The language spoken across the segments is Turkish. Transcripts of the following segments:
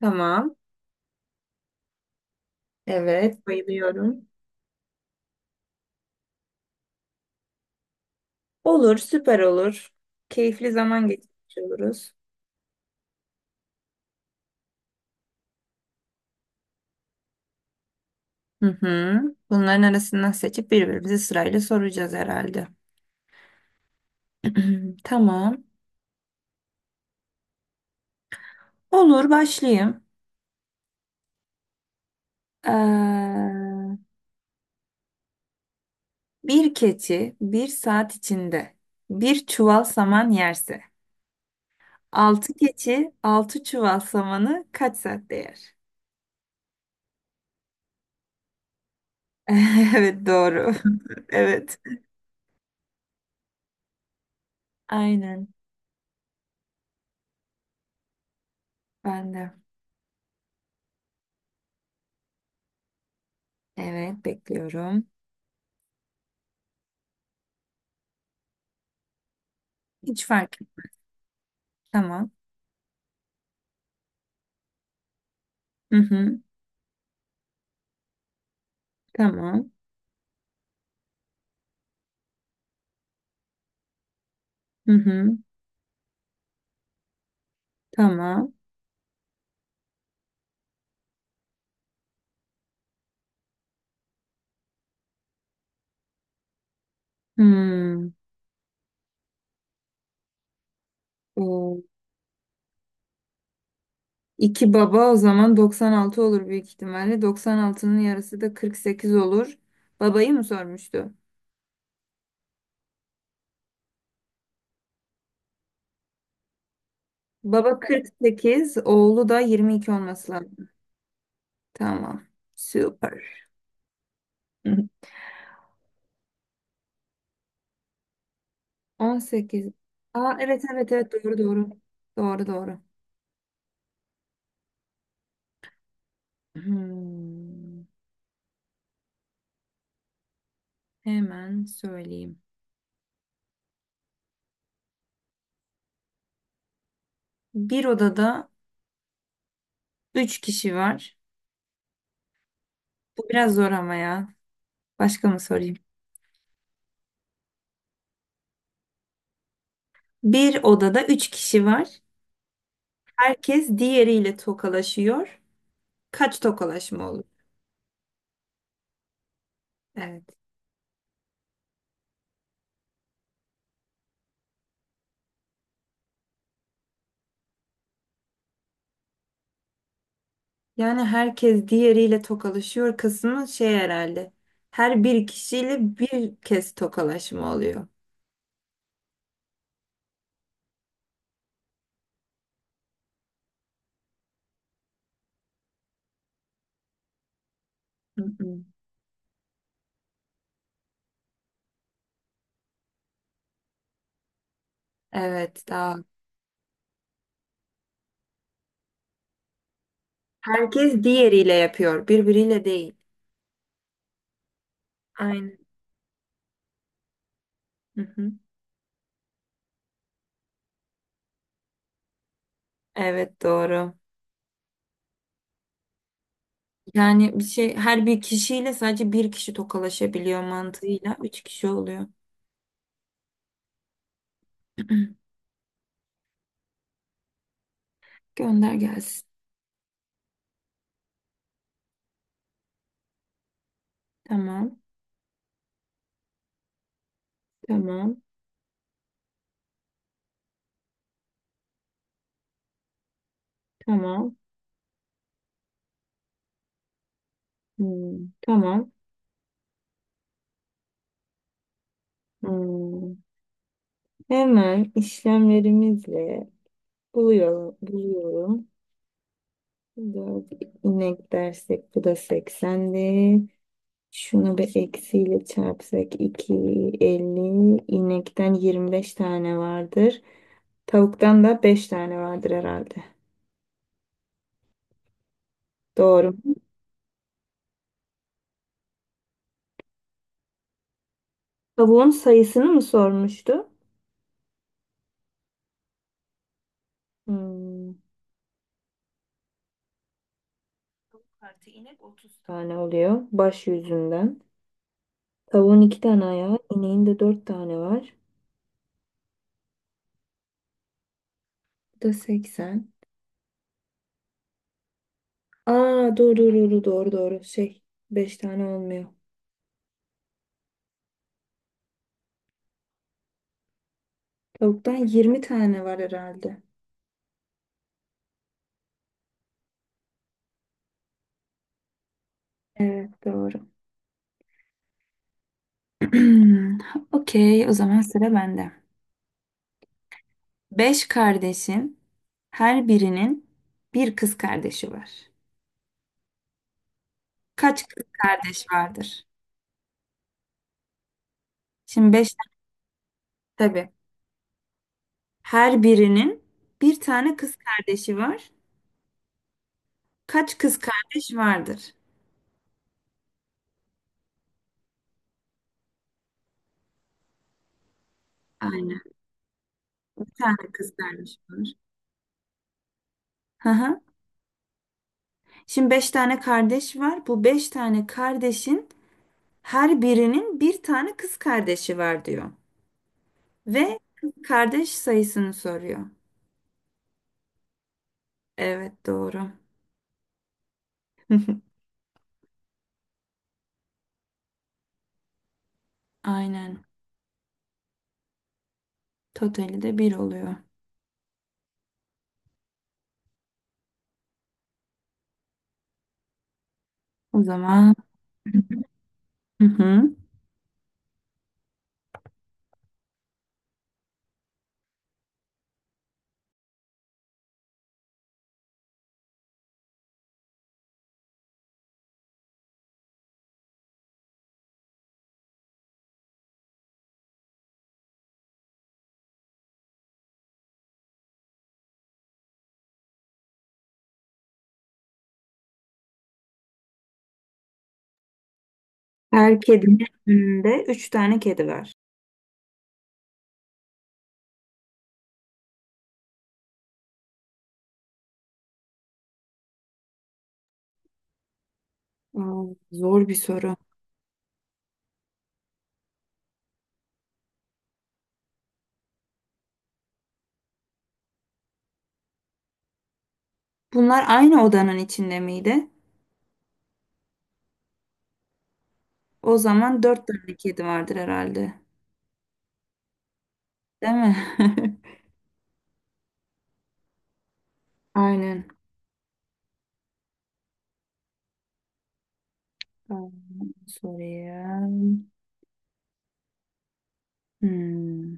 Tamam. Evet. Bayılıyorum. Olur, süper olur. Keyifli zaman geçirmiş oluruz. Hı hı. Bunların arasından seçip birbirimize sırayla soracağız herhalde. Tamam. Olur başlayayım. Ee, bir keçi bir saat içinde bir çuval saman yerse, altı keçi altı çuval samanı kaç saatte yer? Evet doğru. Evet. Aynen. Ben de. Evet bekliyorum. Hiç fark Tamam. Hı hı. Tamam. Hı hı. Tamam. Hmm. O, iki baba o zaman 96 olur büyük ihtimalle. 96'nın yarısı da 48 olur. Babayı mı sormuştu? Baba 48, oğlu da 22 olması lazım. Tamam. Süper. Hı hı. 18. Aa, evet evet evet, doğru doğru. Doğru doğru. Hmm. Hemen söyleyeyim. Bir odada üç kişi var. Bu biraz zor ama ya. Başka mı sorayım? Bir odada üç kişi var. Herkes diğeriyle tokalaşıyor. Kaç tokalaşma olur? Evet. Yani herkes diğeriyle tokalaşıyor kısmı şey herhalde. Her bir kişiyle bir kez tokalaşma oluyor. Hı hı. Evet daha. Herkes diğeriyle yapıyor. Birbiriyle değil. Aynen. Hı hı. Evet doğru. Yani bir şey her bir kişiyle sadece bir kişi tokalaşabiliyor mantığıyla. Üç kişi oluyor. Gönder gelsin. Tamam. Tamam. Tamam. Hmm, tamam. Hmm, Hemen işlemlerimizle buluyorum. 4 inek dersek bu da 80'di. Şunu bir eksiyle çarpsak 250. İnekten 25 tane vardır. Tavuktan da 5 tane vardır herhalde. Doğru. Tavuğun sayısını mı sormuştu? Hmm. Artı inek 30 tane oluyor baş yüzünden. Tavuğun iki tane ayağı, ineğin de dört tane var. Da 80. Aa, doğru doğru doğru doğru. Şey 5 tane olmuyor. Tavuktan 20 tane var herhalde. Evet doğru. Okey, o zaman sıra bende. 5 kardeşin her birinin bir kız kardeşi var. Kaç kız kardeş vardır? Şimdi 5, tabii. Her birinin bir tane kız kardeşi var. Kaç kız kardeş vardır? Aynen. Bir tane kız kardeş var. Hı hı. Şimdi beş tane kardeş var. Bu beş tane kardeşin her birinin bir tane kız kardeşi var diyor. Ve kız kardeş sayısını soruyor. Evet doğru. Aynen. Totali de bir oluyor. O zaman hı hı. Her kedinin önünde üç tane kedi var. Aa, zor bir soru. Bunlar aynı odanın içinde miydi? O zaman dört tane kedi vardır herhalde. Değil mi? Aynen. Aa, sorayım. Hmm.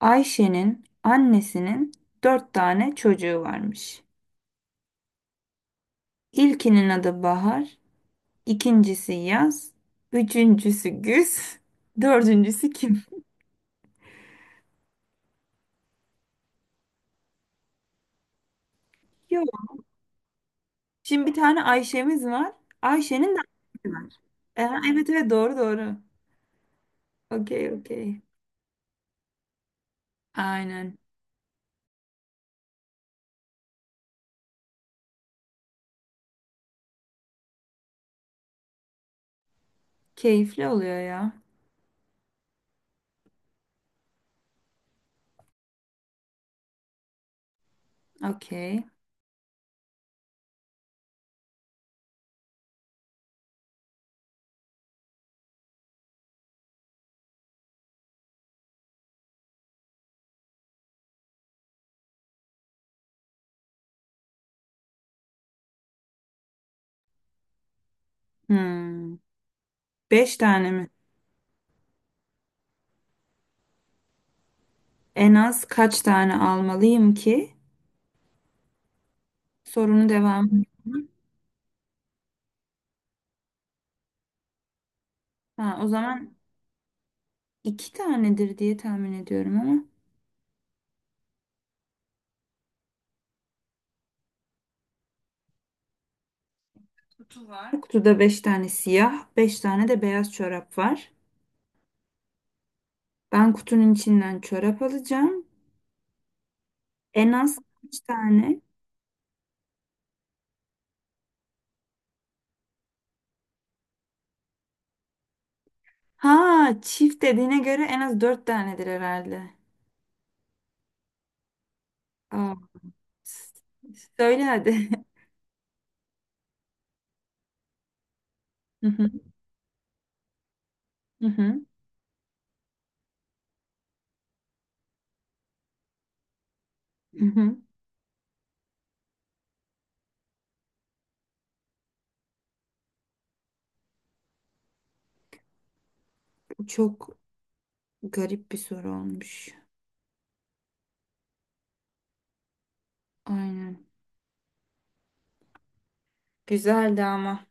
Ayşe'nin annesinin dört tane çocuğu varmış. İlkinin adı Bahar, ikincisi Yaz, üçüncüsü Güz, dördüncüsü kim? Yok. Şimdi bir tane Ayşe'miz var. Ayşe'nin de annesi var. Aha, evet evet, doğru doğru. Okey, okey. Aynen. Keyifli oluyor ya. Okey. Hmm. Beş tane mi? En az kaç tane almalıyım ki? Sorunun devamı. Ha, o zaman iki tanedir diye tahmin ediyorum ama. Kutu var. Kutuda 5 tane siyah, 5 tane de beyaz çorap var. Ben kutunun içinden çorap alacağım. En az kaç tane? Ha, çift dediğine göre en az 4 tanedir herhalde. Aa, s- söyle hadi. Hı hı, hı hı, hı hı. Bu çok garip bir soru olmuş. Aynen. Güzeldi ama.